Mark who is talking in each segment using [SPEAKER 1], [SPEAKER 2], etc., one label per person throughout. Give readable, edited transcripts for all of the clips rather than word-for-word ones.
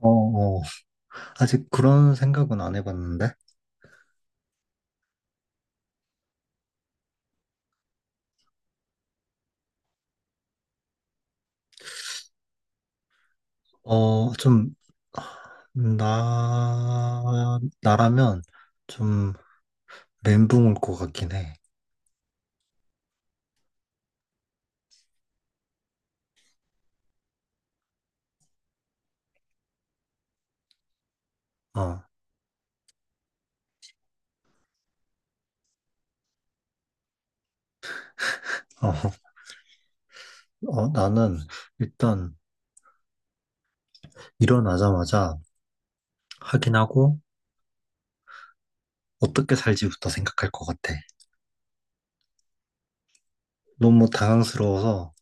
[SPEAKER 1] 어, 어. 아직 그런 생각은 안 해봤는데, 좀, 나라면 좀 멘붕 올 것 같긴 해. 어, 어, 나는 일단 일어나자마자 확인하고 어떻게 살지부터 생각할 것 같아. 너무 당황스러워서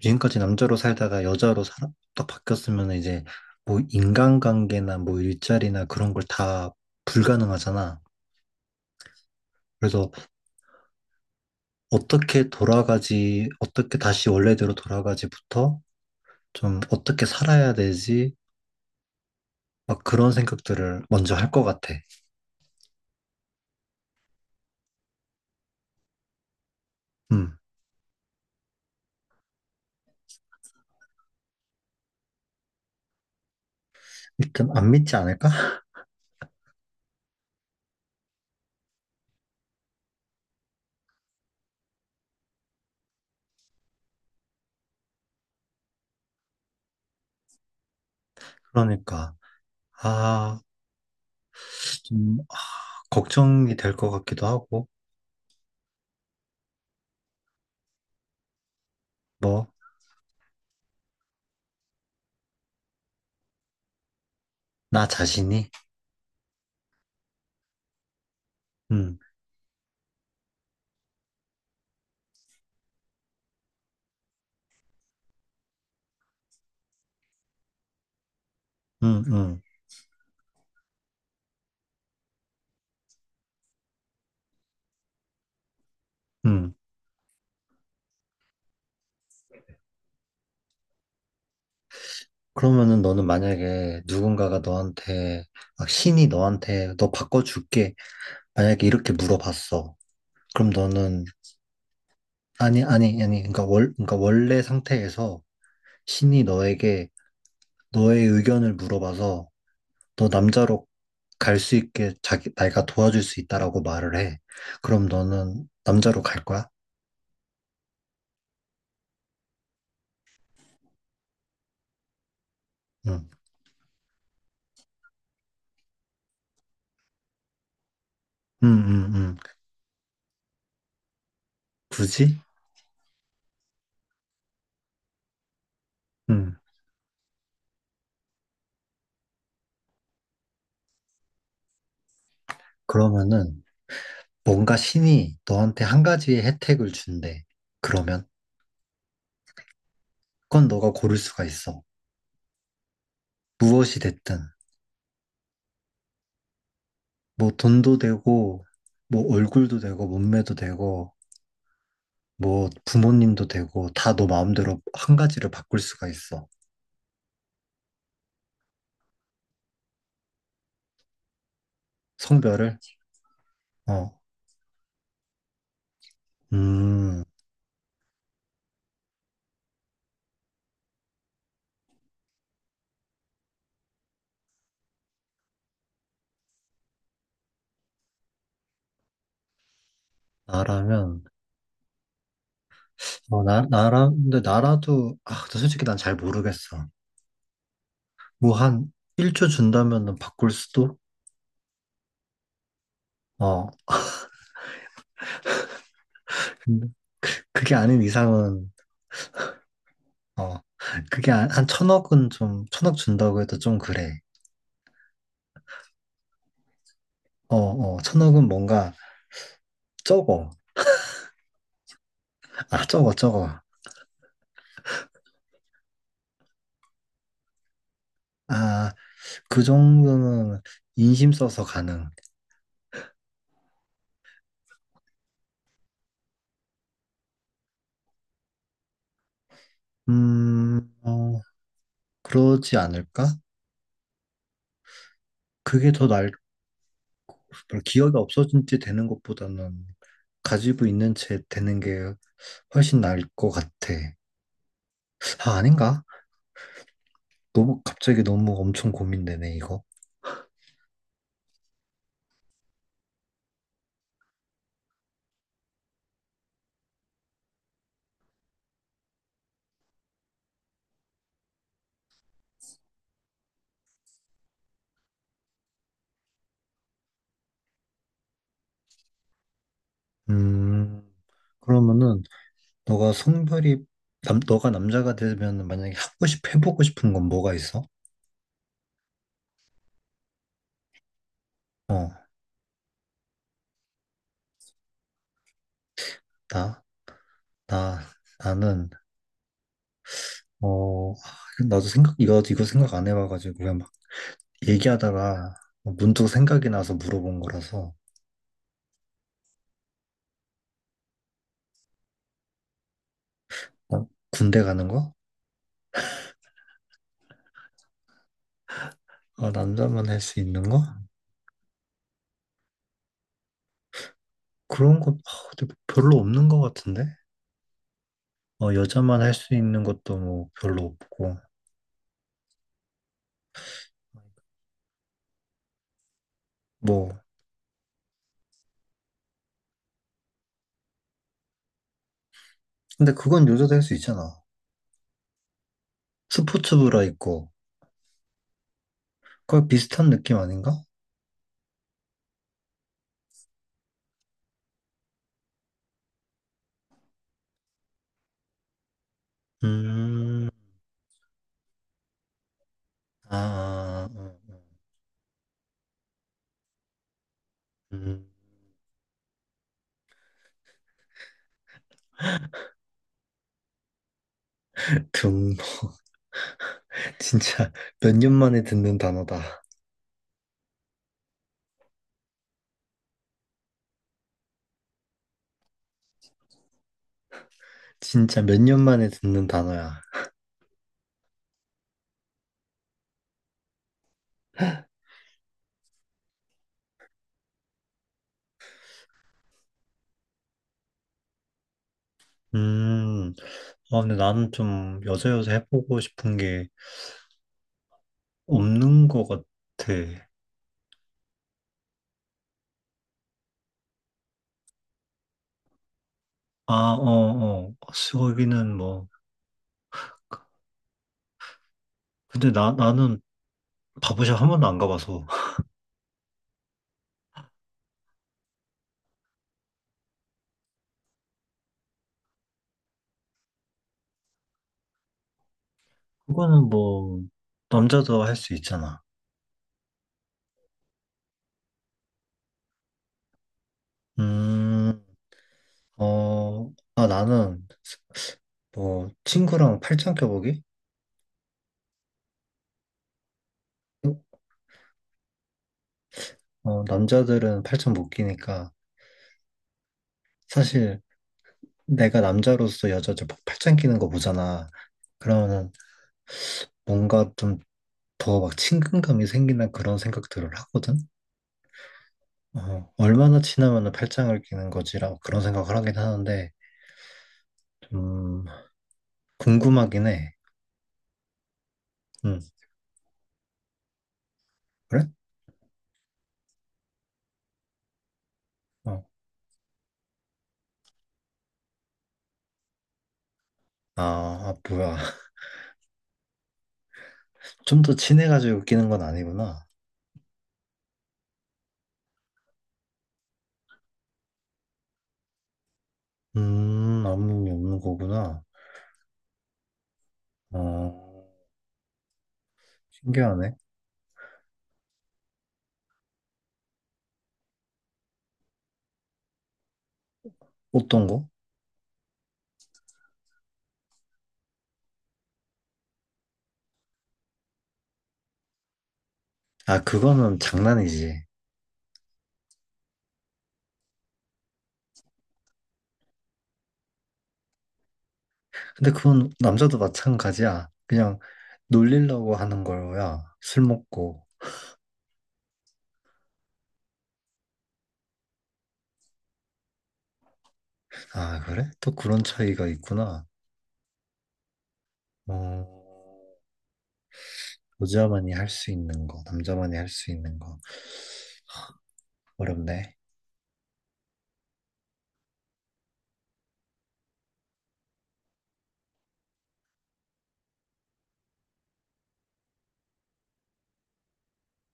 [SPEAKER 1] 지금까지 남자로 살다가 여자로 살아, 딱 바뀌었으면 이제 뭐 인간관계나 뭐 일자리나 그런 걸 다 불가능하잖아. 그래서 어떻게 돌아가지, 어떻게 다시 원래대로 돌아가지부터 좀 어떻게 살아야 되지? 막 그런 생각들을 먼저 할 것 같아. 음. 일단 안 믿지 않을까? 그러니까. 아, 좀 걱정이 될 것 같기도 하고, 뭐, 나 자신이. 음, 음, 음, 음. 그러면은 너는 만약에 누군가가 너한테, 막 신이 너한테 너 바꿔줄게. 만약에 이렇게 물어봤어. 그럼 너는 아니, 아니, 아니. 그러니까 그러니까 원래 상태에서 신이 너에게 너의 의견을 물어봐서 너 남자로 갈 수 있게 자기 내가 도와줄 수 있다라고 말을 해. 그럼 너는 남자로 갈 거야? 응. 응, 응, 응. 굳이? 응. 그러면은 뭔가 신이 너한테 한 가지의 혜택을 준대. 그러면 그건 너가 고를 수가 있어. 무엇이 됐든 뭐 돈도 되고 뭐 얼굴도 되고 몸매도 되고 뭐 부모님도 되고 다 너 마음대로 한 가지를 바꿀 수가 있어. 성별을? 어. 음, 나라면, 어, 나, 나라, 근데 나라도, 근데 솔직히 난 잘 모르겠어. 뭐 한 1초 준다면은 바꿀 수도? 어, 근데 그게 아닌 이상은, 어, 그게 한 천억은 좀, 천억 준다고 해도 좀 그래. 천억은 뭔가 적어. 아, 적어, 적어. 아, 그 정도는 인심 써서 가능. 음, 어, 그러지 않을까? 그게 더 나을, 기억이 없어진 지 되는 것보다는 가지고 있는 채 되는 게 훨씬 나을 것 같아. 아, 아닌가? 너무 갑자기 너무 엄청 고민되네, 이거. 음, 그러면은 너가 성별이 너가 남자가 되면 만약에 해보고 싶은 건 뭐가 있어? 어, 나, 나, 나는 어, 아, 나도 생각 이거 이거 생각 안 해봐가지고 그냥 막 얘기하다가 문득 생각이 나서 물어본 거라서 어, 군대 가는 거? 아, 남자만 할 수 있는 거? 그런 거 아, 근데 별로 없는 것 같은데? 어, 여자만 할 수 있는 것도 뭐 별로 없고. 뭐, 근데 그건 여자도 할 수 있잖아. 스포츠 브라 있고. 거의 비슷한 느낌 아닌가? 음, 아, 아, 아, 음, 음. 등. 진짜 몇 년 만에 듣는 단어다. 진짜 몇 년 만에 듣는 단어야. 음, 아, 근데 나는 좀 여자 여자 해보고 싶은 게 없는 것 같아. 아, 어, 어. 거기는 뭐. 근데 나는 바보샵 한 번도 안 가봐서. 그거는 뭐, 남자도 할 수 있잖아. 음, 어, 나는 뭐, 친구랑 팔짱 껴보기? 어, 남자들은 팔짱 못 끼니까, 사실 내가 남자로서 여자들 막 팔짱 끼는 거 보잖아. 그러면은 뭔가 좀 더 막 친근감이 생기는 그런 생각들을 하거든? 어, 얼마나 친하면은 팔짱을 끼는 거지라고 그런 생각을 하긴 하는데, 좀, 궁금하긴 해. 응, 그래? 어, 아, 아, 뭐야. 좀 더 친해가지고 웃기는 건 아니구나. 아무 의미 없는 거구나. 어, 신기하네. 어떤 거? 아, 그거는 장난이지. 근데 그건 남자도 마찬가지야. 그냥 놀리려고 하는 거야. 술 먹고. 아, 그래? 또 그런 차이가 있구나. 어, 여자만이 할 수 있는 거, 남자만이 할 수 있는 거. 어렵네.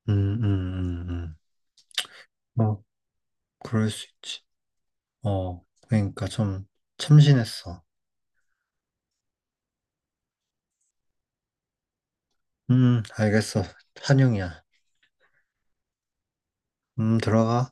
[SPEAKER 1] 음, 음, 음, 음. 뭐, 그럴 수 있지. 어, 그러니까 좀 참신했어. 알겠어. 한영이야. 들어가.